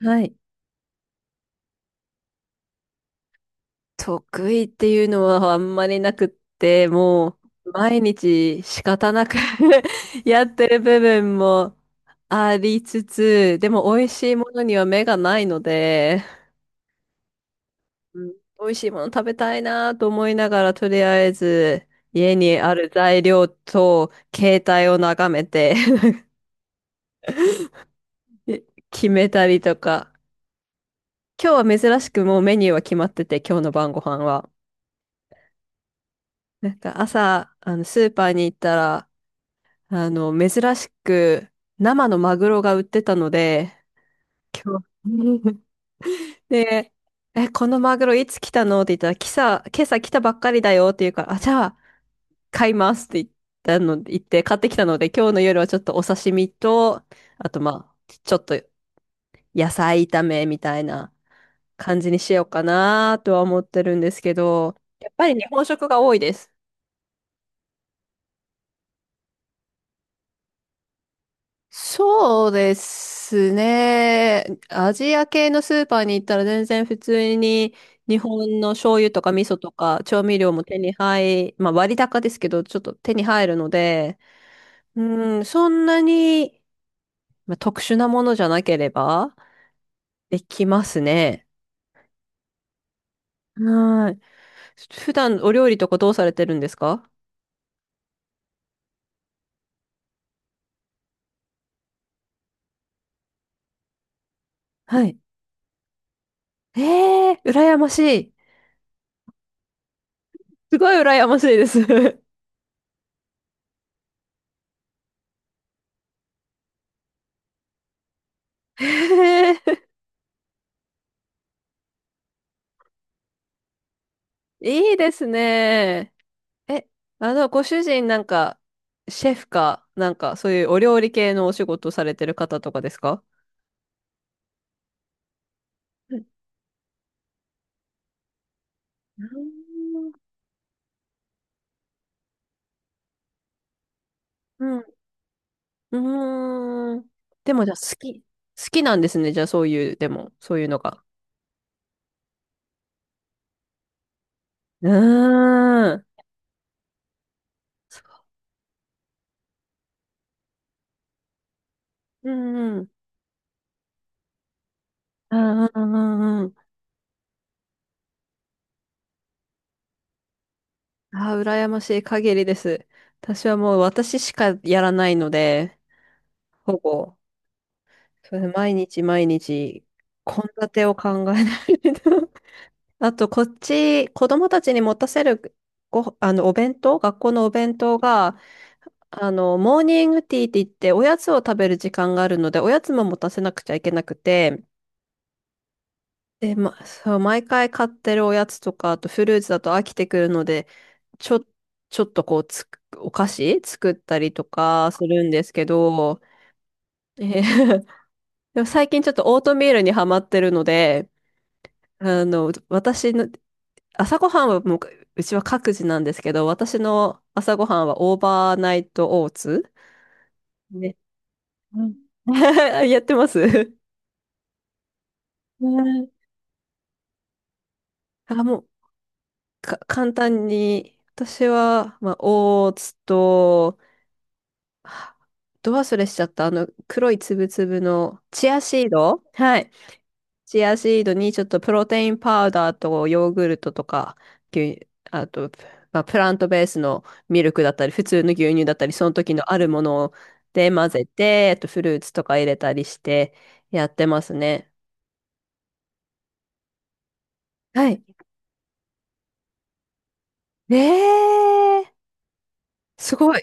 はい。得意っていうのはあんまりなくって、もう毎日仕方なく やってる部分もありつつ、でも美味しいものには目がないので、うん、美味しいもの食べたいなと思いながら、とりあえず家にある材料と携帯を眺めて 決めたりとか。今日は珍しくもうメニューは決まってて、今日の晩ご飯は。なんか朝、スーパーに行ったら、珍しく生のマグロが売ってたので、今日 で、え、このマグロいつ来たのって言ったら、今朝来たばっかりだよって言うから、あ、じゃあ買いますって言って買ってきたので、今日の夜はちょっとお刺身と、あとまあ、ちょっと野菜炒めみたいな感じにしようかなとは思ってるんですけど、やっぱり日本食が多いです。そうですね。アジア系のスーパーに行ったら全然普通に日本の醤油とか味噌とか調味料も手に入、まあ割高ですけど、ちょっと手に入るので、うん、そんなに、まあ、特殊なものじゃなければできますね。はい。普段お料理とかどうされてるんですか？はい。えー、羨ましい。すごい羨ましいです。えー、いいですね。え、ご主人なんか、シェフか、なんか、そういうお料理系のお仕事されてる方とかですか？うん。うん。うーん。でもじゃあ好き。好きなんですね。じゃあそういう、でも、そういうのが。うーん。そう、うんうん。うんうんうんうん。ああ、羨ましい限りです。私はもう私しかやらないので、ほぼ、それ毎日毎日、献立を考えないと。あと、こっち、子供たちに持たせるご、あの、お弁当、学校のお弁当が、モーニングティーって言って、おやつを食べる時間があるので、おやつも持たせなくちゃいけなくて、で、ま、そう、毎回買ってるおやつとか、あとフルーツだと飽きてくるので、ちょ、ちょっとこうお菓子作ったりとかするんですけど、えー でも最近ちょっとオートミールにハマってるので、私の朝ごはんはもう、うちは各自なんですけど、私の朝ごはんはオーバーナイトオーツ。ね。うん やってます。うん、あ、もう、簡単に、私は、まあ、オーツと、はど忘れしちゃった、黒いつぶつぶの、チアシード。はい。チアシードにちょっとプロテインパウダーとヨーグルトとか、牛あと、まあ、プラントベースのミルクだったり、普通の牛乳だったり、その時のあるもので混ぜて、あとフルーツとか入れたりしてやってますね。はい。えー、すごい、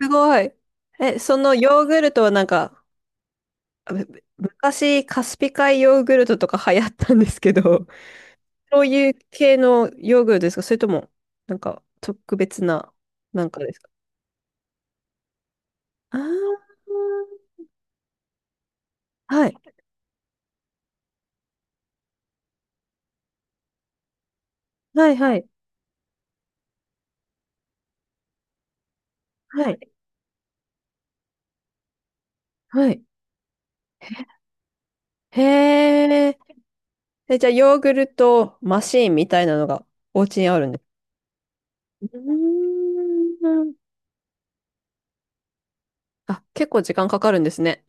すごい。そのヨーグルトはなんか、む昔カスピ海ヨーグルトとか流行ったんですけど、そういう系のヨーグルトですか？それとも、なんか特別な、なんかですか？ああ、はい、はい、はい、はい、はい。へえ、え、じゃあ、ヨーグルトマシーンみたいなのがお家にあるんです。うーん。あ、結構時間かかるんですね。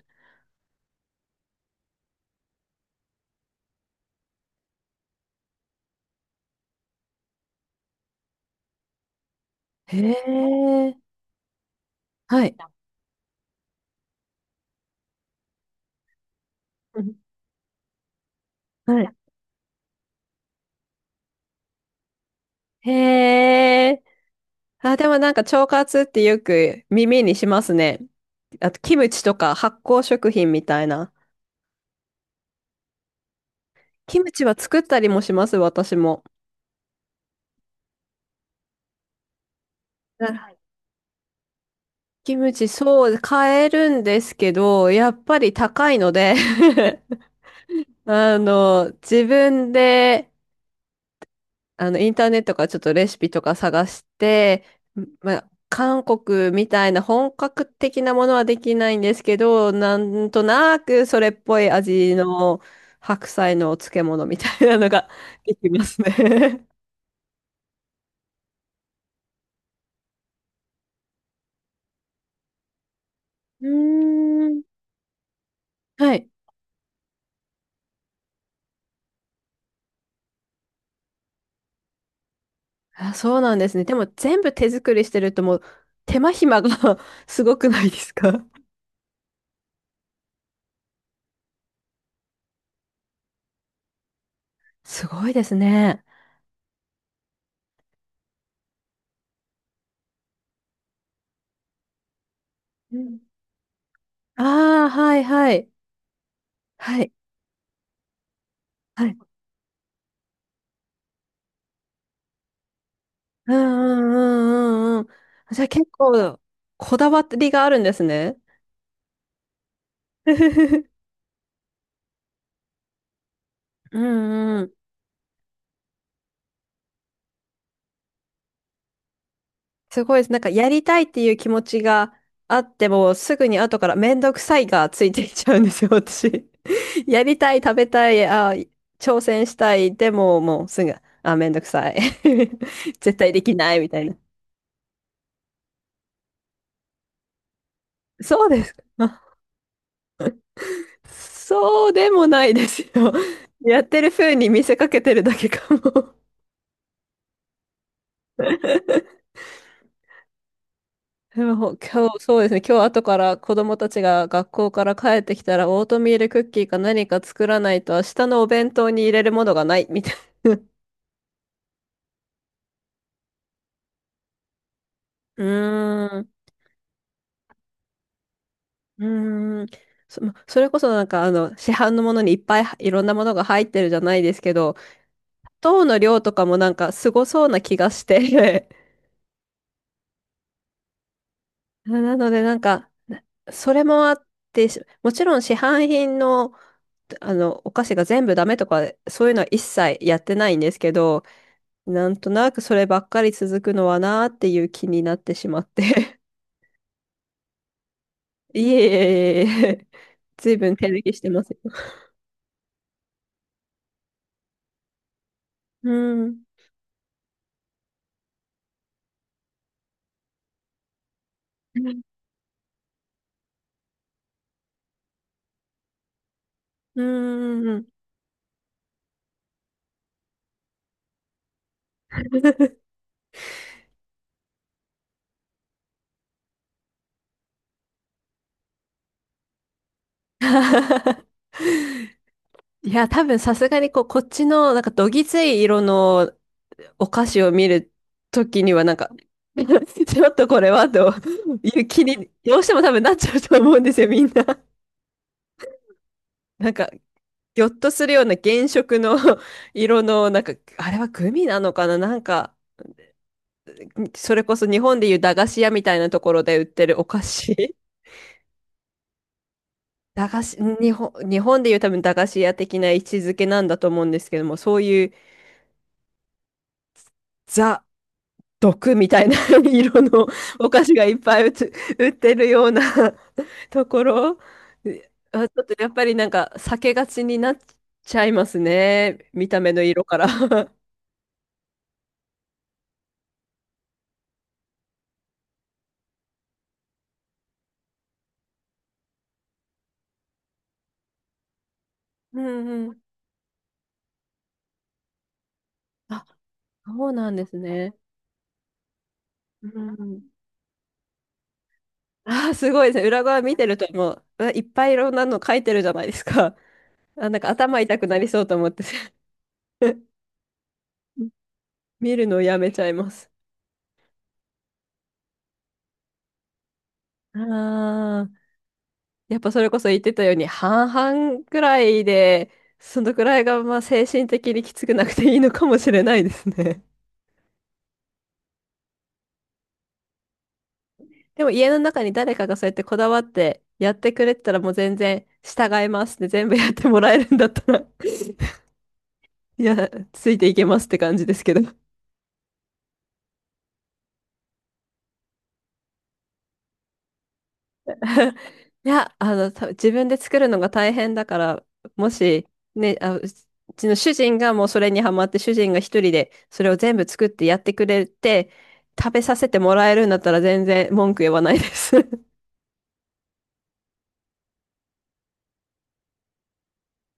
へえ、はい。うん、はい。へえ、あ、でもなんか腸活ってよく耳にしますね。あと、キムチとか発酵食品みたいな。キムチは作ったりもします、私も。はい。キムチ、そう、買えるんですけど、やっぱり高いので 自分で、インターネットからちょっとレシピとか探して、まあ、韓国みたいな本格的なものはできないんですけど、なんとなくそれっぽい味の白菜のお漬物みたいなのができますね うーん。はい。あ、そうなんですね。でも全部手作りしてるともう手間暇が すごくないですか？すごいですね。うん。ああ、はいはい。はい。はい。うんうんうんうんうん。じゃあ結構こだわりがあるんですね。うんうん。すごいです。なんかやりたいっていう気持ちがあっても、すぐに後からめんどくさいがついていっちゃうんですよ、私。やりたい、食べたい、あ、挑戦したい、でももうすぐ、あ、めんどくさい。絶対できないみたいな。そうですか。あ、そうでもないですよ。やってる風に見せかけてるだけかも。でも今日、そうですね、今日後から子供たちが学校から帰ってきたら、オートミールクッキーか何か作らないと、明日のお弁当に入れるものがない、みたいな。うーん、うーん。まそれこそなんか市販のものにいっぱいいろんなものが入ってるじゃないですけど、糖の量とかもなんかすごそうな気がして。なのでなんか、それもあって、もちろん市販品の、お菓子が全部ダメとか、そういうのは一切やってないんですけど、なんとなくそればっかり続くのはなーっていう気になってしまって いえいえいえいえ。ずいぶん手抜きしてますよ。うん。うん。うん いや、多分さすがにこう、こっちのなんかどぎつい色のお菓子を見るときにはなんか ちょっとこれはという気にどうしても多分なっちゃうと思うんですよ、みんな。なんか、ぎょっとするような原色の 色の、なんか、あれはグミなのかななんか、それこそ日本でいう駄菓子屋みたいなところで売ってるお菓子 駄菓子、日本でいう多分駄菓子屋的な位置づけなんだと思うんですけども、そういうザ、毒みたいな 色のお菓子がいっぱい売ってるような ところ、あ、ちょっとやっぱりなんか避けがちになっちゃいますね。見た目の色から うんうん。あ、そうなんですね。うんうん。ああ、すごいですね。裏側見てるともう、うわいっぱいいろんなの書いてるじゃないですか。あ、なんか頭痛くなりそうと思って 見るのをやめちゃいます。ああ、やっぱそれこそ言ってたように、半々くらいで、そのくらいがまあ精神的にきつくなくていいのかもしれないですね。でも家の中に誰かがそうやってこだわってやってくれてたらもう全然従いますって全部やってもらえるんだったら いや、ついていけますって感じですけど。いや、自分で作るのが大変だから、もし、ね、あ、うちの主人がもうそれにハマって、主人が一人でそれを全部作ってやってくれて、食べさせてもらえるんだったら全然文句言わないです。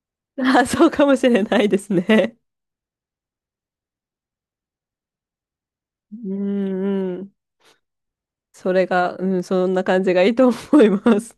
あ、そうかもしれないですね。うんうん。それが、うん、そんな感じがいいと思います。